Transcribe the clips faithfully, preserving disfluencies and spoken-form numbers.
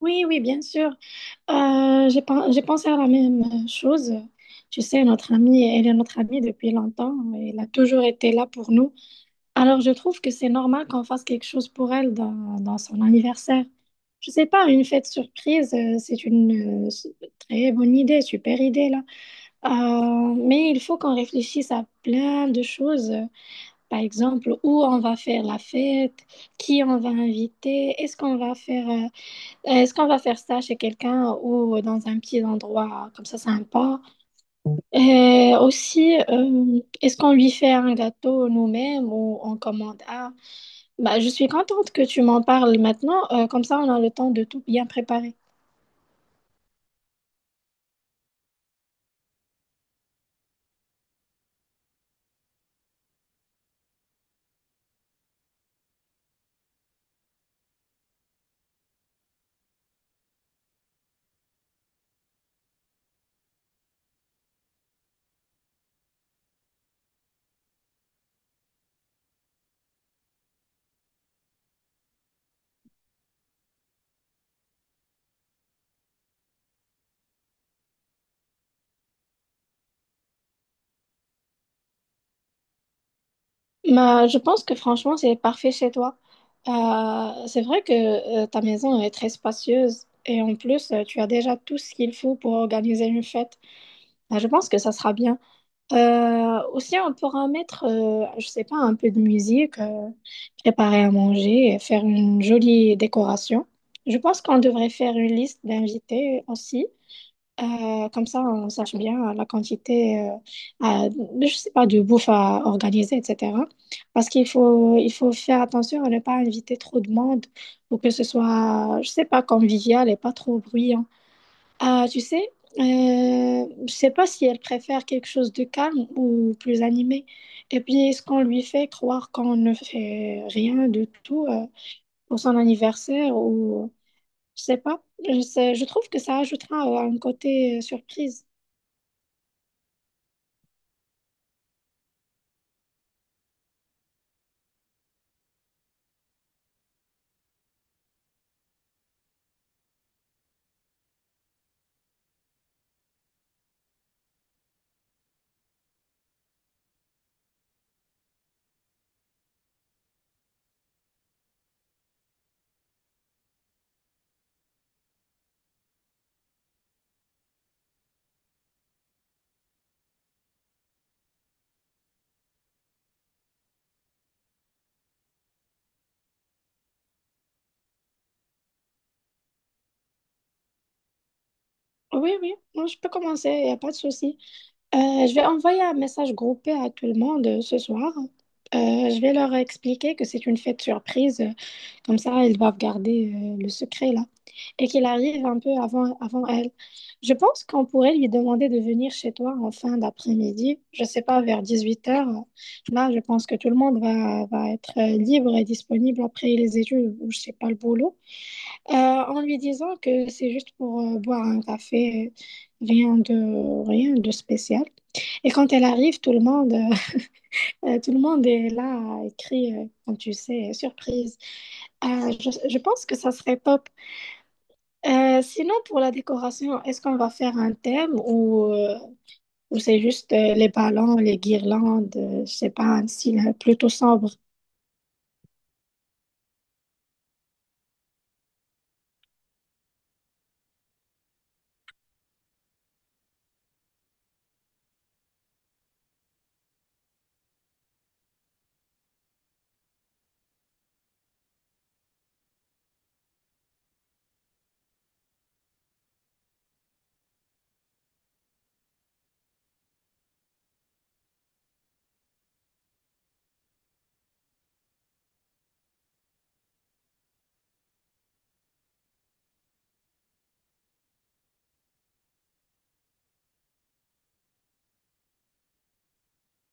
Oui, oui, bien sûr. Euh, j'ai pen- j'ai pensé à la même chose. Tu sais, notre amie, elle est notre amie depuis longtemps. Elle a toujours été là pour nous. Alors, je trouve que c'est normal qu'on fasse quelque chose pour elle dans, dans son anniversaire. Je sais pas, une fête surprise, euh, c'est une euh, s- très bonne idée, super idée là. Euh, mais il faut qu'on réfléchisse à plein de choses. Par exemple, où on va faire la fête, qui on va inviter, est-ce qu'on va faire euh, est-ce qu'on va faire ça chez quelqu'un ou dans un petit endroit comme ça sympa? Et aussi, euh, est-ce qu'on lui fait un gâteau nous-mêmes ou on commande un? Bah, je suis contente que tu m'en parles maintenant, euh, comme ça on a le temps de tout bien préparer. Bah, je pense que franchement, c'est parfait chez toi. Euh, c'est vrai que euh, ta maison est très spacieuse et en plus, euh, tu as déjà tout ce qu'il faut pour organiser une fête. Bah, je pense que ça sera bien. Euh, aussi, on pourra mettre, euh, je sais pas, un peu de musique, euh, préparer à manger et faire une jolie décoration. Je pense qu'on devrait faire une liste d'invités aussi. Euh, comme ça, on sache bien la quantité, euh, à- je sais pas, de bouffe à organiser, et cetera. Parce qu'il faut, il faut faire attention à ne pas inviter trop de monde pour que ce soit, je sais pas, convivial et pas trop bruyant. Ah, tu sais, euh, je sais pas si elle préfère quelque chose de calme ou plus animé. Et puis, est-ce qu'on lui fait croire qu'on ne fait rien de tout euh, pour son anniversaire ou je sais pas. Je sais, je trouve que ça ajoutera euh, un côté euh, surprise. Oui, oui, moi je peux commencer, il n'y a pas de souci. Euh, je vais envoyer un message groupé à tout le monde euh, ce soir. Euh, je vais leur expliquer que c'est une fête surprise, euh, comme ça ils doivent garder euh, le secret là. Et qu'il arrive un peu avant, avant elle. Je pense qu'on pourrait lui demander de venir chez toi en fin d'après-midi, je sais pas, vers dix-huit heures. Là, je pense que tout le monde va, va être euh, libre et disponible après les études ou je sais pas le boulot. Euh, en lui disant que c'est juste pour euh, boire un café, rien de, rien de spécial. Et quand elle arrive, tout le monde, euh, tout le monde est là, écrit, euh, comme tu sais, surprise. Euh, je, je pense que ça serait top. Euh, sinon, pour la décoration, est-ce qu'on va faire un thème ou, euh, ou c'est juste euh, les ballons, les guirlandes, euh, je sais pas, un style euh, plutôt sombre?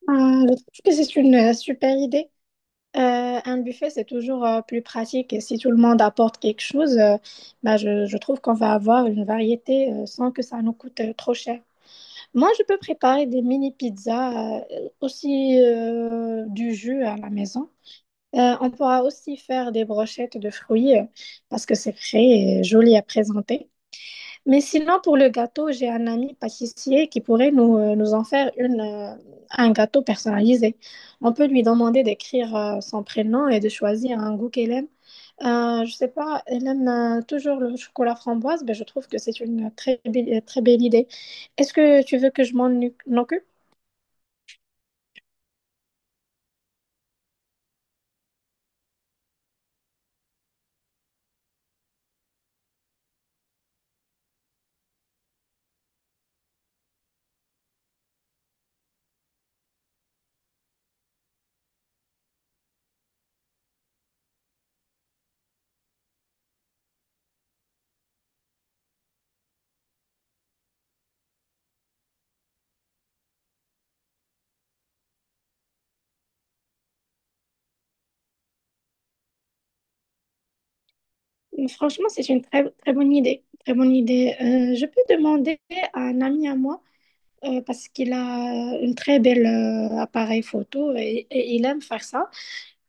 Euh, je trouve que c'est une euh, super idée. Euh, un buffet, c'est toujours euh, plus pratique et si tout le monde apporte quelque chose, euh, bah, je, je trouve qu'on va avoir une variété euh, sans que ça nous coûte euh, trop cher. Moi, je peux préparer des mini pizzas, euh, aussi euh, du jus à la maison. Euh, on pourra aussi faire des brochettes de fruits euh, parce que c'est frais et joli à présenter. Mais sinon, pour le gâteau, j'ai un ami pâtissier qui pourrait nous, euh, nous en faire une, euh, un gâteau personnalisé. On peut lui demander d'écrire euh, son prénom et de choisir un goût qu'elle aime. Euh, je sais pas, elle aime euh, toujours le chocolat framboise, mais je trouve que c'est une très, belle- très belle idée. Est-ce que tu veux que je m'en occupe? Franchement, c'est une très, très bonne idée. Très bonne idée. Euh, je peux demander à un ami à moi, euh, parce qu'il a un très bel euh, appareil photo et, et il aime faire ça.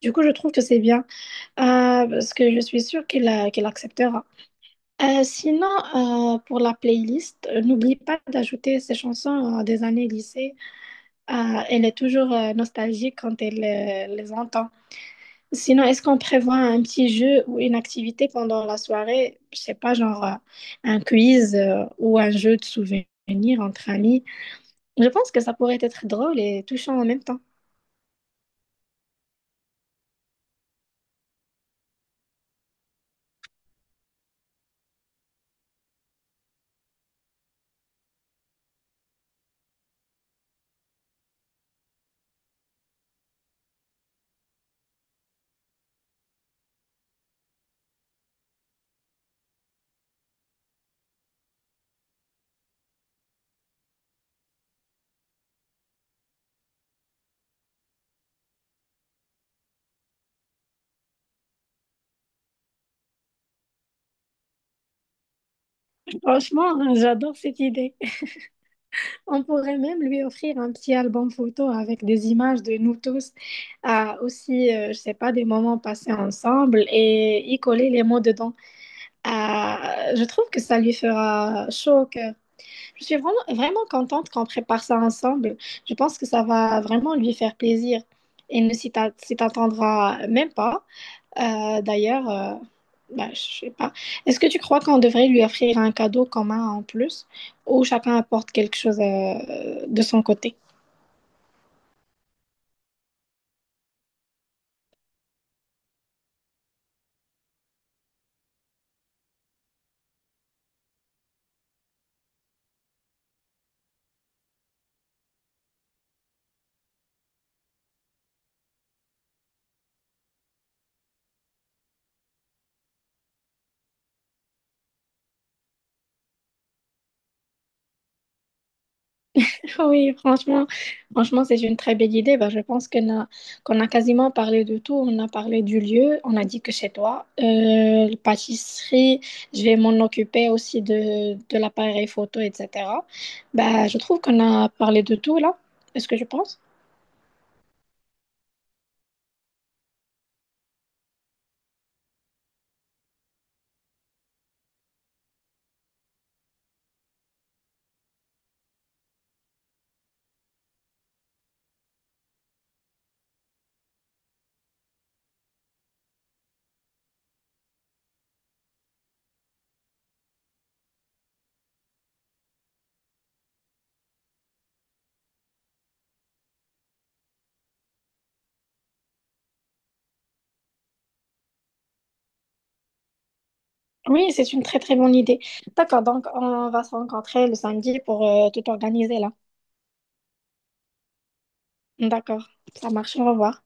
Du coup, je trouve que c'est bien, euh, parce que je suis sûre qu'il euh, qu'il acceptera. Euh, sinon, euh, pour la playlist, euh, n'oublie pas d'ajouter ces chansons euh, des années lycée. Euh, elle est toujours euh, nostalgique quand elle euh, les entend. Sinon, est-ce qu'on prévoit un petit jeu ou une activité pendant la soirée? Je sais pas, genre euh, un quiz euh, ou un jeu de souvenirs entre amis. Je pense que ça pourrait être drôle et touchant en même temps. Franchement, j'adore cette idée. On pourrait même lui offrir un petit album photo avec des images de nous tous, euh, aussi, euh, je sais pas, des moments passés ensemble et y coller les mots dedans. Euh, je trouve que ça lui fera chaud au cœur. Je suis vraiment, vraiment contente qu'on prépare ça ensemble. Je pense que ça va vraiment lui faire plaisir. Et ne s'y t'a- s'y t'attendra même pas. Euh, d'ailleurs, euh, bah, je sais pas. Est-ce que tu crois qu'on devrait lui offrir un cadeau commun en plus ou chacun apporte quelque chose euh, de son côté? Oui, franchement, franchement, c'est une très belle idée. Bah, je pense qu'on a, qu'on a quasiment parlé de tout. On a parlé du lieu, on a dit que chez toi, euh, la pâtisserie, je vais m'en occuper aussi de, de l'appareil photo, et cetera. Bah, je trouve qu'on a parlé de tout là. Est-ce que je pense? Oui, c'est une très très bonne idée. D'accord, donc on va se rencontrer le samedi pour euh, tout organiser là. D'accord, ça marche, au revoir.